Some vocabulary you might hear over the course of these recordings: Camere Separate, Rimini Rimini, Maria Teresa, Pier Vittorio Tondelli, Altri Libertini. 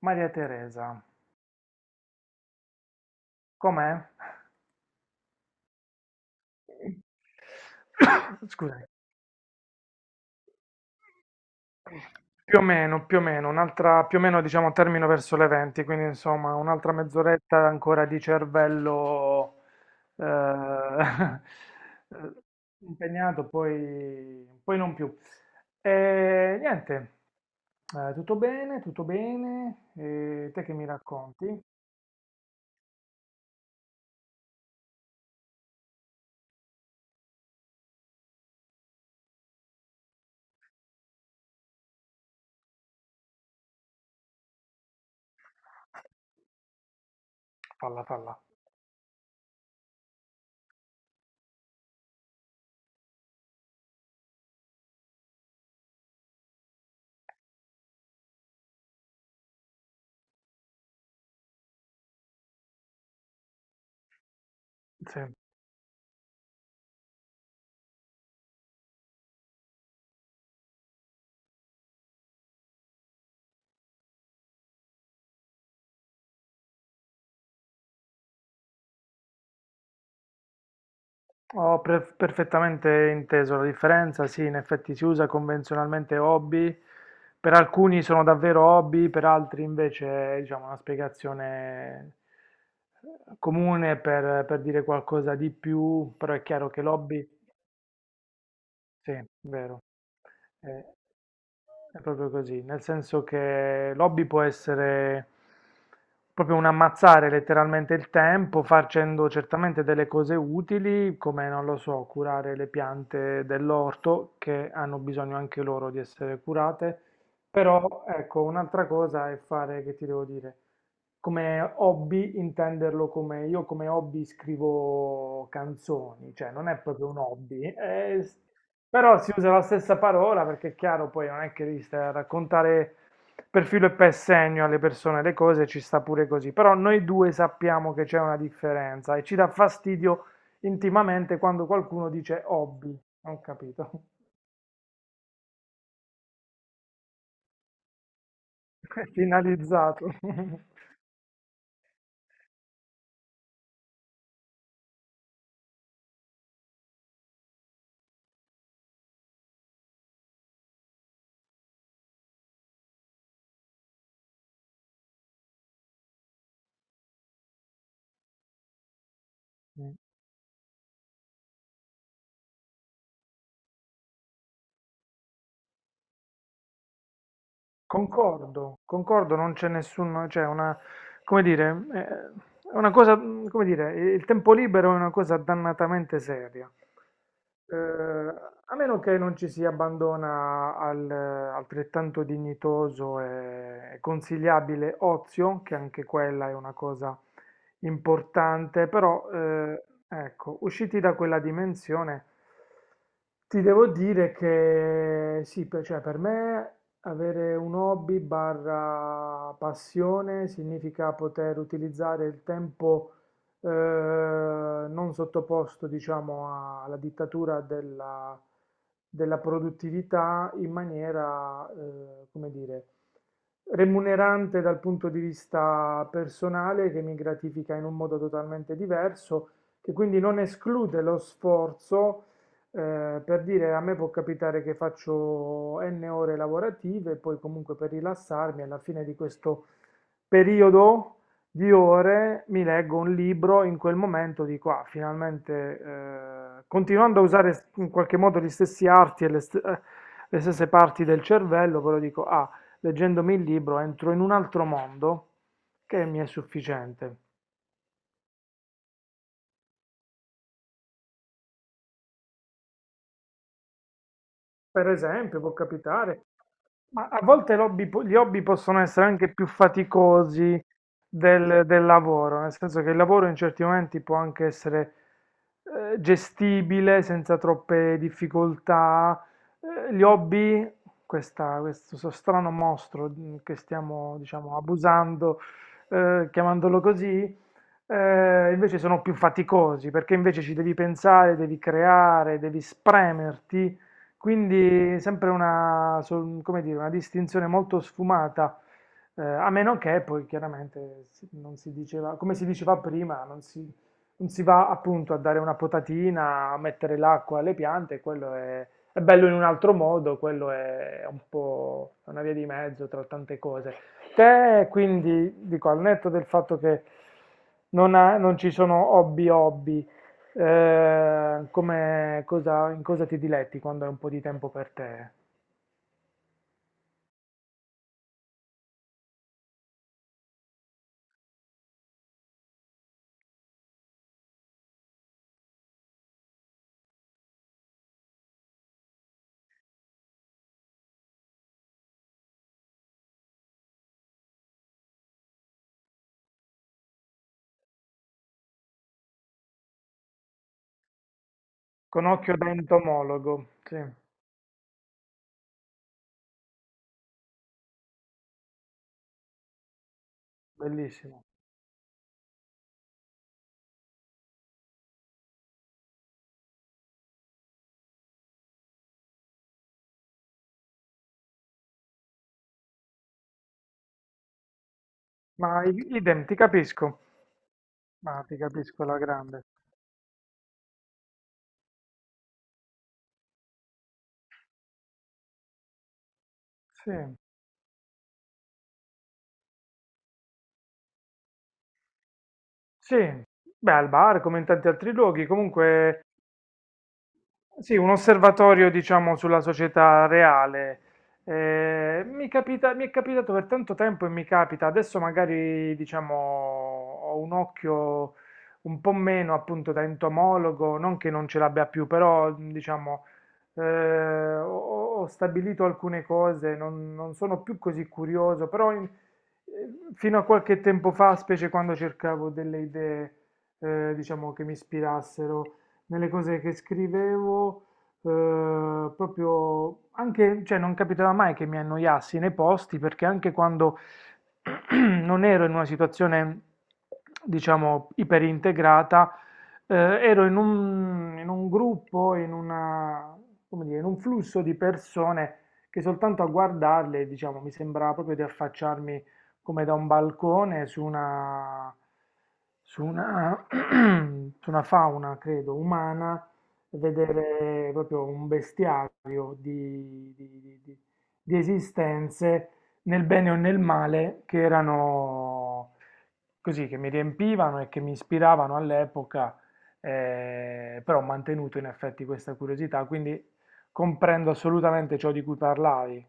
Maria Teresa, com'è? Scusami. Più o meno, più o meno, più o meno diciamo termino verso le 20, quindi insomma un'altra mezz'oretta ancora di cervello eh, impegnato, poi non più. E niente, tutto bene, e te che mi racconti? Falla, falla. Sì. Ho perfettamente inteso la differenza, sì, in effetti si usa convenzionalmente hobby, per alcuni sono davvero hobby, per altri invece è, diciamo, una spiegazione comune per dire qualcosa di più, però è chiaro che l'hobby. Sì, vero. Eh, è proprio così, nel senso che l'hobby può essere proprio un ammazzare letteralmente il tempo facendo certamente delle cose utili, come non lo so, curare le piante dell'orto che hanno bisogno anche loro di essere curate, però ecco, un'altra cosa è fare, che ti devo dire, come hobby intenderlo come io come hobby scrivo canzoni, cioè non è proprio un hobby, è però si usa la stessa parola perché è chiaro, poi non è che devi stare a raccontare per filo e per segno alle persone le cose, ci sta pure così. Però noi due sappiamo che c'è una differenza e ci dà fastidio intimamente quando qualcuno dice hobby. Non capito. Finalizzato. Concordo, concordo, non c'è nessuno, cioè una, come dire, è una cosa, come dire, il tempo libero è una cosa dannatamente seria. Eh, a meno che non ci si abbandona al altrettanto dignitoso e consigliabile ozio, che anche quella è una cosa importante, però ecco, usciti da quella dimensione ti devo dire che sì, per, cioè, per me avere un hobby barra passione significa poter utilizzare il tempo non sottoposto, diciamo, alla dittatura della produttività in maniera, come dire, remunerante dal punto di vista personale, che mi gratifica in un modo totalmente diverso, che quindi non esclude lo sforzo, per dire a me può capitare che faccio N ore lavorative, poi comunque per rilassarmi alla fine di questo periodo di ore mi leggo un libro, in quel momento dico, ah, finalmente, continuando a usare in qualche modo gli stessi arti e le, le stesse parti del cervello, però dico, ah, leggendomi il libro entro in un altro mondo che mi è sufficiente. Per esempio, può capitare. Ma a volte l'hobby gli hobby possono essere anche più faticosi del lavoro, nel senso che il lavoro in certi momenti può anche essere gestibile senza troppe difficoltà. Gli hobby, questo strano mostro che stiamo, diciamo, abusando, chiamandolo così, invece sono più faticosi perché invece ci devi pensare, devi creare, devi spremerti quindi sempre una, come dire, una distinzione molto sfumata, a meno che poi chiaramente non si diceva, come si diceva prima, non si va appunto a dare una potatina, a mettere l'acqua alle piante, quello è bello in un altro modo, quello è un po' una via di mezzo tra tante cose. Te quindi, dico, al netto del fatto che non ci sono hobby hobby, come cosa, in cosa ti diletti quando hai un po' di tempo per te? Con occhio da entomologo, sì, bellissimo. Ma idem, ti capisco, ma ti capisco alla grande. Sì, sì, beh, al bar come in tanti altri luoghi, comunque. Sì, un osservatorio, diciamo, sulla società reale. Mi è capitato per tanto tempo e mi capita, adesso magari, diciamo, ho un occhio un po' meno appunto da entomologo, non che non ce l'abbia più, però, diciamo, eh, ho, ho stabilito alcune cose, non sono più così curioso, però fino a qualche tempo fa, specie quando cercavo delle idee, diciamo, che mi ispirassero nelle cose che scrivevo, proprio anche, cioè non capitava mai che mi annoiassi nei posti perché anche quando non ero in una situazione, diciamo, iperintegrata, ero in un, gruppo, in una, come dire, in un flusso di persone che soltanto a guardarle, diciamo, mi sembrava proprio di affacciarmi come da un balcone su una, su una fauna, credo, umana, vedere proprio un bestiario di esistenze, nel bene o nel male, che erano così, che mi riempivano e che mi ispiravano all'epoca, però ho mantenuto in effetti questa curiosità, quindi comprendo assolutamente ciò di cui parlavi.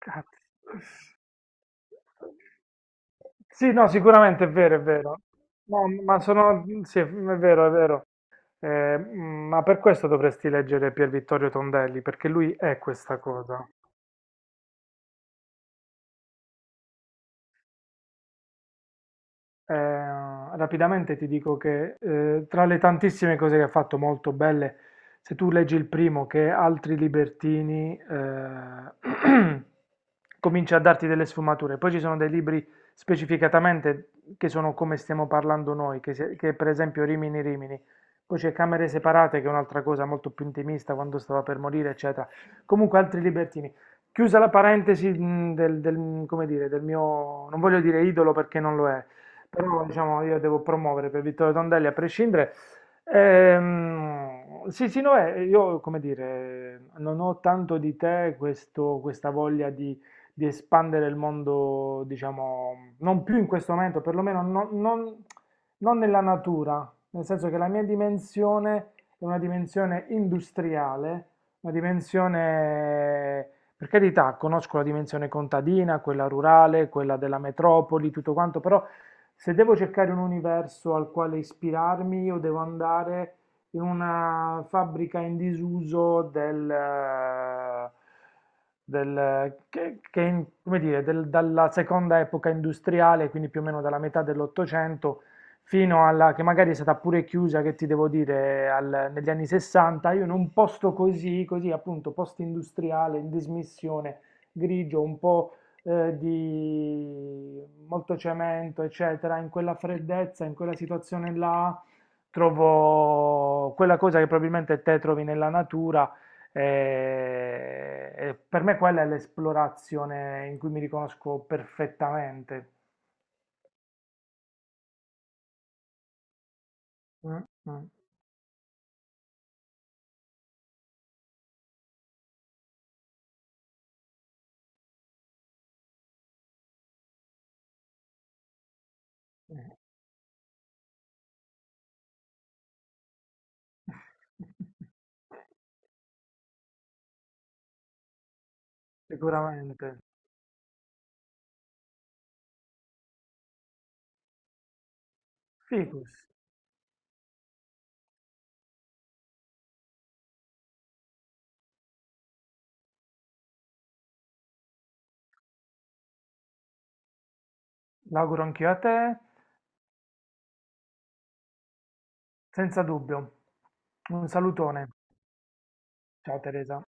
Cazzo. Sì, no, sicuramente è vero, è vero. No, ma sono... Sì, è vero, è vero. Ma per questo dovresti leggere Pier Vittorio Tondelli, perché lui è questa cosa. Rapidamente ti dico che tra le tantissime cose che ha fatto molto belle, se tu leggi il primo che è Altri Libertini, comincia a darti delle sfumature. Poi ci sono dei libri specificatamente che sono come stiamo parlando noi, che, che per esempio Rimini Rimini. Poi c'è Camere Separate, che è un'altra cosa molto più intimista, quando stava per morire, eccetera. Comunque, Altri Libertini. Chiusa la parentesi come dire, del mio, non voglio dire idolo perché non lo è, però diciamo io devo promuovere per Vittorio Tondelli a prescindere. Sì, sì, no, io come dire, non ho tanto di te questa voglia di espandere il mondo, diciamo, non più in questo momento, perlomeno non nella natura, nel senso che la mia dimensione è una dimensione industriale, una dimensione... Per carità, conosco la dimensione contadina, quella rurale, quella della metropoli, tutto quanto, però se devo cercare un universo al quale ispirarmi, io devo andare in una fabbrica in disuso che come dire, dalla seconda epoca industriale, quindi più o meno dalla metà dell'Ottocento, fino alla che magari è stata pure chiusa, che ti devo dire, negli anni 60, io in un posto così, così appunto post-industriale, in dismissione, grigio, un po' di molto cemento, eccetera, in quella freddezza, in quella situazione là, trovo quella cosa che probabilmente te trovi nella natura. E per me quella è l'esplorazione in cui mi riconosco perfettamente. Mm, mm, mm. Sicuramente. Ficus, l'auguro anch'io a te, senza dubbio. Un salutone. Ciao Teresa.